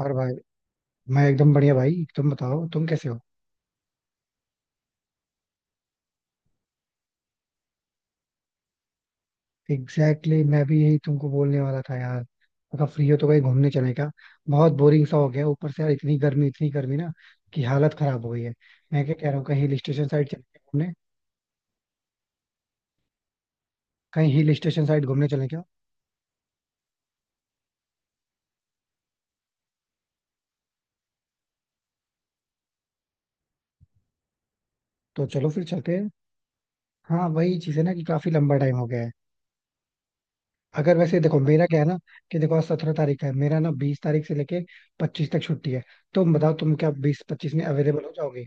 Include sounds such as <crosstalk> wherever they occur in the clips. और भाई। मैं एकदम बढ़िया भाई, तुम बताओ तुम कैसे हो। एग्जैक्टली, मैं भी यही तुमको बोलने वाला था यार। अगर फ्री हो तो कहीं घूमने चले क्या। बहुत बोरिंग सा हो गया, ऊपर से यार इतनी गर्मी, इतनी गर्मी ना कि हालत खराब हो गई है। मैं क्या कह रहा हूँ, कहीं हिल स्टेशन साइड चले क्या घूमने। कहीं हिल स्टेशन साइड घूमने चले क्या। तो चलो फिर चलते हैं। हाँ वही चीज है ना कि काफी लंबा टाइम हो गया है। अगर वैसे देखो, मेरा क्या है ना कि देखो, आज 17 तारीख है, मेरा ना 20 तारीख से लेके 25 तक छुट्टी है। तुम बताओ तुम क्या 20-25 में अवेलेबल हो जाओगे।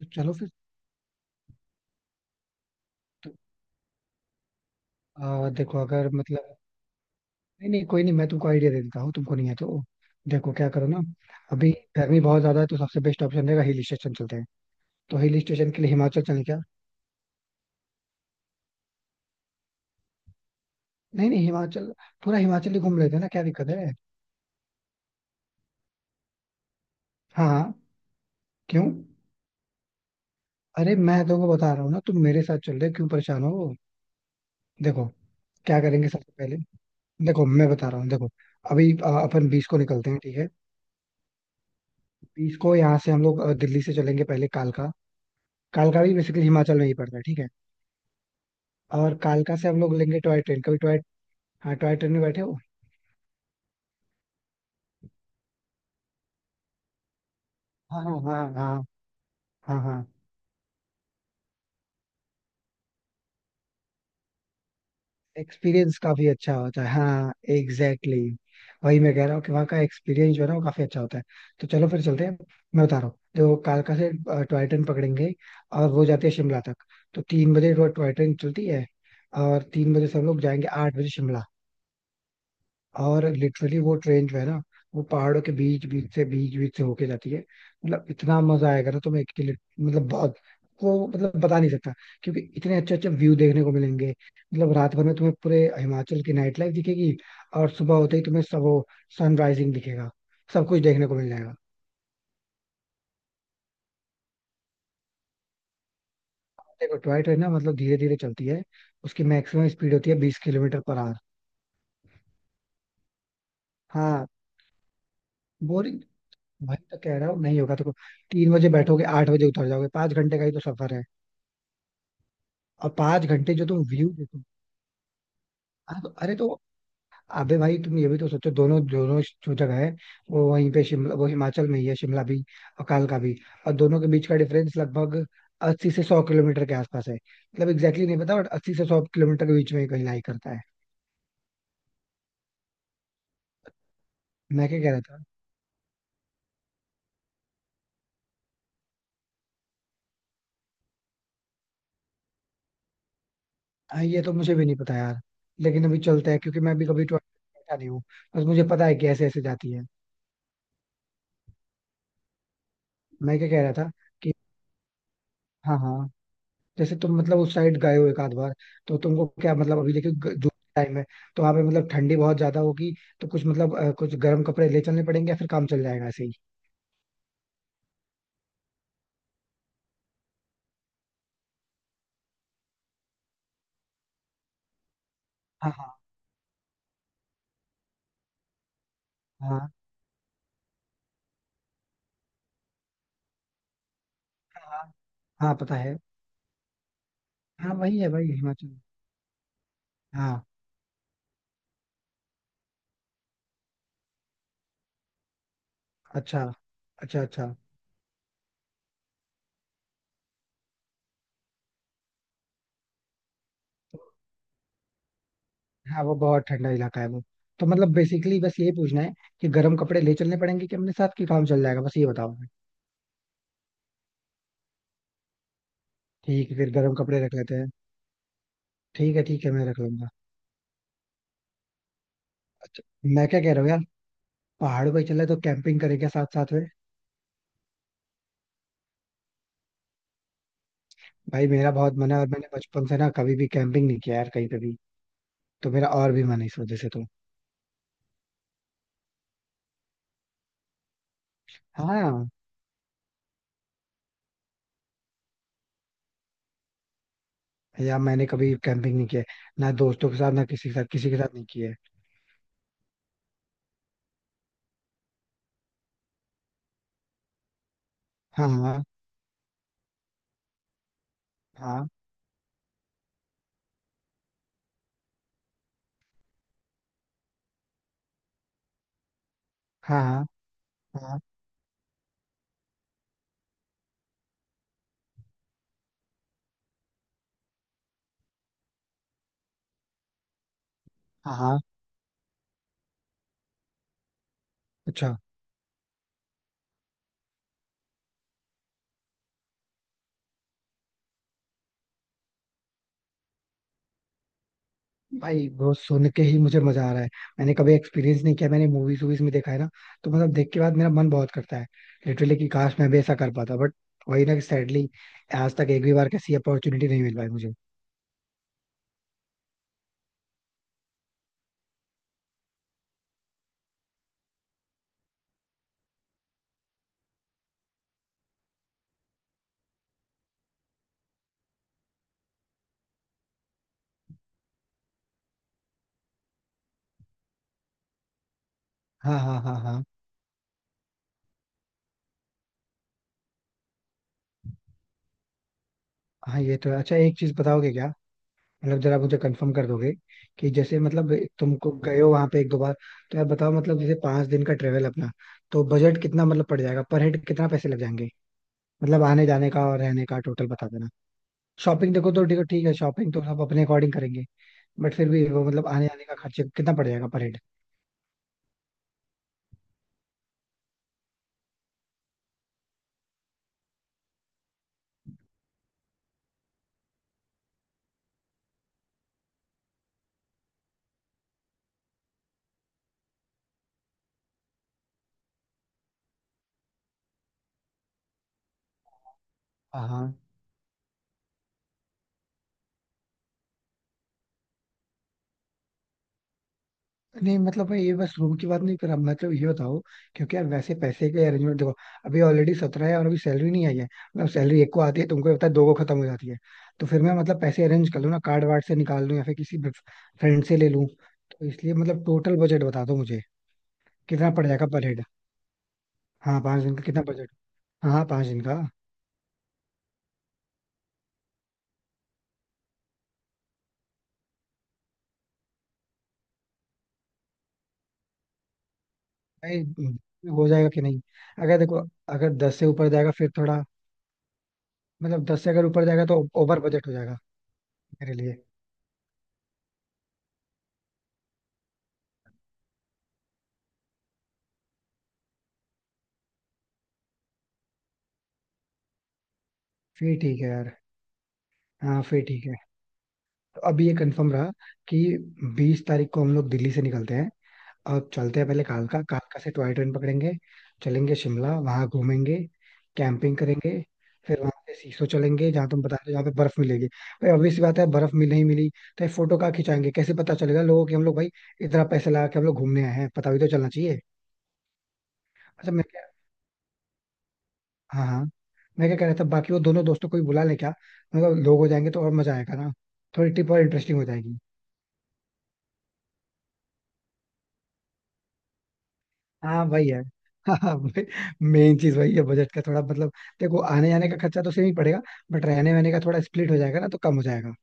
तो चलो फिर। तो देखो अगर मतलब, नहीं नहीं कोई नहीं, मैं तुमको आइडिया दे देता हूँ तुमको नहीं है तो। देखो क्या करो ना। अभी गर्मी बहुत ज्यादा है, तो सबसे बेस्ट ऑप्शन रहेगा हिल स्टेशन चलते हैं। तो हिल स्टेशन के लिए हिमाचल चलें क्या। नहीं नहीं, हिमाचल पूरा हिमाचल ही घूम लेते हैं ना, क्या दिक्कत है। हाँ हाँ। क्यों। अरे मैं तुमको बता रहा हूँ ना, तुम मेरे साथ चल रहे हो, क्यों परेशान हो। देखो क्या करेंगे सबसे पहले। देखो मैं बता रहा हूँ, देखो अभी अपन 20 को निकलते हैं, ठीक है। 20 को यहाँ से हम लोग दिल्ली से चलेंगे, पहले कालका। कालका भी बेसिकली हिमाचल में ही पड़ता है, ठीक है। और कालका से हम लोग लेंगे टॉय ट्रेन। कभी टॉय, हाँ टॉय ट्रेन में बैठे हो। हाँ हाँ। हाँ हाँ। हाँ हाँ। एक्सपीरियंस काफी अच्छा होता है, हाँ। Exactly exactly. वही मैं कह रहा हूँ कि वहाँ का एक्सपीरियंस जो है ना, वो काफी अच्छा होता है। तो चलो फिर चलते हैं। मैं बता रहा हूँ, तो कालका से टॉय ट्रेन पकड़ेंगे, और वो जाती है शिमला तक। तो 3 बजे वो टॉय ट्रेन चलती है, और 3 बजे से हम लोग जाएंगे, 8 बजे शिमला। और लिटरली वो ट्रेन जो है ना, वो पहाड़ों के बीच बीच से होके जाती है। मतलब इतना मजा आएगा ना तुम्हें कि मतलब बहुत, वो मतलब बता नहीं सकता, क्योंकि इतने अच्छे अच्छे व्यू देखने को मिलेंगे। मतलब रात भर में तुम्हें पूरे हिमाचल की नाइट लाइफ दिखेगी, और सुबह होते ही तुम्हें सब वो सनराइजिंग दिखेगा, सब कुछ देखने को मिल जाएगा। देखो टॉय ट्रेन ना मतलब धीरे धीरे चलती है, उसकी मैक्सिमम स्पीड होती है 20 किलोमीटर पर आवर। हाँ। बोरिंग। भाई तो कह रहा हूँ नहीं होगा। तो 3 बजे बैठोगे, 8 बजे उतर जाओगे, 5 घंटे का ही तो सफर है। और 5 घंटे जो तुम व्यू देखो। हाँ तो अरे तो, अबे भाई तुम ये भी तो सोचो, दोनों दोनों जो जगह है वो वहीं पे, शिमला वो हिमाचल में ही है, शिमला भी और कालका भी। और दोनों के बीच का डिफरेंस लगभग 80 से 100 किलोमीटर के आसपास है। मतलब एग्जैक्टली नहीं पता बट 80 से 100 किलोमीटर के बीच में ही कहीं लाई करता है। मैं क्या कह रहा था। हाँ ये तो मुझे भी नहीं पता यार, लेकिन अभी चलता है क्योंकि मैं भी कभी ट्रेवल नहीं हूँ। बस मुझे पता है कि ऐसे ऐसे जाती है। मैं क्या कह रहा था कि, हाँ हाँ, जैसे तुम मतलब उस साइड गए हो एक आध बार। तो तुमको क्या मतलब, अभी देखो जून टाइम है, तो वहां पे मतलब ठंडी बहुत ज्यादा होगी। तो कुछ मतलब कुछ गर्म कपड़े ले चलने पड़ेंगे या फिर काम चल जाएगा ऐसे ही। हाँ हाँ हाँ हाँ। हाँ पता है। हाँ वही है भाई हिमाचल। हाँ। अच्छा अच्छा अच्छा। हाँ वो बहुत ठंडा इलाका है वो। तो मतलब बेसिकली बस ये पूछना है कि गर्म कपड़े ले चलने पड़ेंगे कि अपने साथ की काम चल जाएगा, बस ये बताओ हमें। ठीक है फिर, गर्म कपड़े रख लेते हैं। ठीक है ठीक है, मैं रख लूंगा। अच्छा। मैं क्या कह रहा हूँ यार, पहाड़ों पे चला तो कैंपिंग करेंगे साथ साथ में। भाई मेरा बहुत मन है, और मैंने बचपन से ना कभी भी कैंपिंग नहीं किया यार, कहीं पे भी। तो मेरा और भी मन है इस वजह से तो। हाँ। यार मैंने कभी कैंपिंग नहीं किया है, ना दोस्तों के साथ ना किसी के साथ, किसी के साथ नहीं किया है। हाँ हाँ हाँ हाँ। हाँ हाँ हाँ हाँ। अच्छा। भाई वो सुन के ही मुझे मजा आ रहा है। मैंने कभी एक्सपीरियंस नहीं किया, मैंने मूवीज वूवीज में देखा है ना, तो मतलब देख के बाद मेरा मन बहुत करता है। लिटरली कि काश मैं भी ऐसा कर पाता, बट वही ना कि सैडली आज तक एक भी बार कैसी अपॉर्चुनिटी नहीं मिल पाई मुझे। हाँ हाँ हाँ हाँ हाँ। ये तो है। अच्छा एक चीज बताओगे क्या, मतलब जरा मुझे कंफर्म कर दोगे कि जैसे मतलब, तुमको गए हो वहां पे एक दो बार, तो यार बताओ मतलब जैसे 5 दिन का ट्रेवल अपना, तो बजट कितना मतलब पड़ जाएगा पर हेड, कितना पैसे लग जाएंगे। मतलब आने जाने का और रहने का टोटल बता देना। शॉपिंग देखो, तो देखो ठीक है, शॉपिंग तो सब अपने अकॉर्डिंग करेंगे, बट फिर भी वो मतलब आने जाने का खर्चे कितना पड़ जाएगा पर हेड। हाँ, नहीं मतलब भाई ये बस रूम की बात नहीं कर रहा, मतलब ये बताओ, क्योंकि यार वैसे पैसे के अरेंजमेंट देखो, अभी ऑलरेडी 17 है और अभी सैलरी नहीं आई है। मतलब सैलरी एक को आती है, तुमको पता है दो को खत्म हो जाती है। तो फिर मैं मतलब पैसे अरेंज कर लूँ ना कार्ड वार्ड से निकाल लूँ या फिर किसी फ्रेंड से ले लूँ। तो इसलिए मतलब टोटल बजट बता दो मुझे, कितना पड़ जाएगा पर हेड। हाँ पाँच दिन का कितना बजट। हाँ हाँ 5 दिन का। भाई हो जाएगा कि नहीं। अगर देखो, अगर 10 से ऊपर जाएगा फिर थोड़ा, मतलब 10 से अगर ऊपर जाएगा तो ओवर बजट हो जाएगा मेरे लिए। फिर ठीक है यार। हाँ फिर ठीक है। अब ये कंफर्म रहा कि 20 तारीख को हम लोग दिल्ली से निकलते हैं, अब चलते हैं पहले कालका, कालका से टॉय ट्रेन पकड़ेंगे, चलेंगे शिमला, वहां घूमेंगे, कैंपिंग करेंगे, फिर वहां से सीसो चलेंगे जहाँ तुम बता रहे हो, जहाँ पे बर्फ मिलेगी। भाई ऑब्वियस सी बात है, बर्फ मिल नहीं मिली तो ये फोटो कहाँ खिंचाएंगे, कैसे पता चलेगा लोगों कि हम लोग भाई इतना पैसे लगा के हम लोग घूमने आए हैं, पता भी तो चलना चाहिए। अच्छा मैं क्या, हाँ हाँ, मैं क्या कह रहा था, बाकी वो दोनों दोस्तों को भी बुला लें क्या। मतलब लोग हो जाएंगे तो और मजा आएगा ना, थोड़ी ट्रिप और इंटरेस्टिंग हो जाएगी। हाँ वही है। हाँ मेन चीज वही है, बजट का थोड़ा मतलब, देखो आने जाने का खर्चा तो सेम ही पड़ेगा, बट रहने वहने का थोड़ा स्प्लिट हो जाएगा ना तो कम हो जाएगा।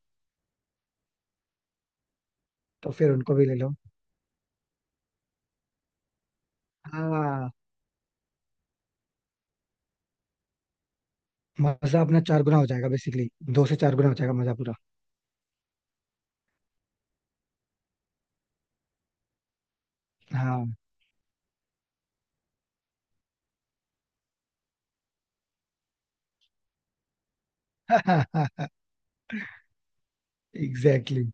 तो फिर उनको भी ले लो। हाँ। मजा अपना चार गुना हो जाएगा बेसिकली, दो से चार गुना हो जाएगा मजा पूरा। हाँ <laughs> एग्जैक्टली exactly.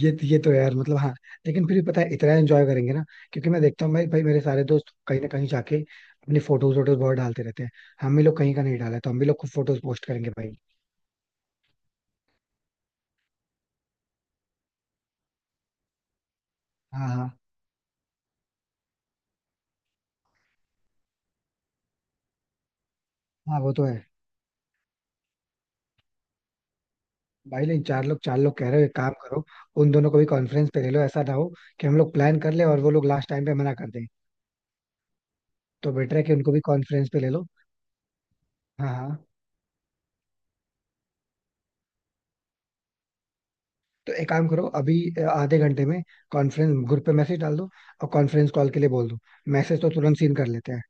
ये तो यार मतलब हाँ, लेकिन फिर भी पता है इतना एंजॉय करेंगे ना, क्योंकि मैं देखता हूँ भाई भाई मेरे सारे दोस्त कहीं ना कहीं जाके अपनी फोटोज वोटोज बहुत डालते रहते हैं, हम भी लोग कहीं का नहीं डाला है, तो हम भी लोग खूब फोटोज पोस्ट करेंगे भाई। हाँ हाँ हाँ। वो तो है। भाई नहीं, चार लोग चार लोग कह रहे हो, एक काम करो, उन दोनों को भी कॉन्फ्रेंस पे ले लो, ऐसा ना हो कि हम लोग प्लान कर ले और वो लोग लास्ट टाइम पे मना कर दें, तो बेटर है कि उनको भी कॉन्फ्रेंस पे ले लो। हाँ हाँ। तो एक काम करो अभी, आधे घंटे में कॉन्फ्रेंस ग्रुप पे मैसेज डाल दो और कॉन्फ्रेंस कॉल के लिए बोल दो। मैसेज तो तुरंत सीन कर लेते हैं।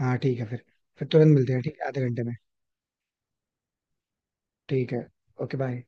हाँ ठीक है फिर तुरंत मिलते हैं, ठीक है आधे घंटे में। ठीक है। Okay bye.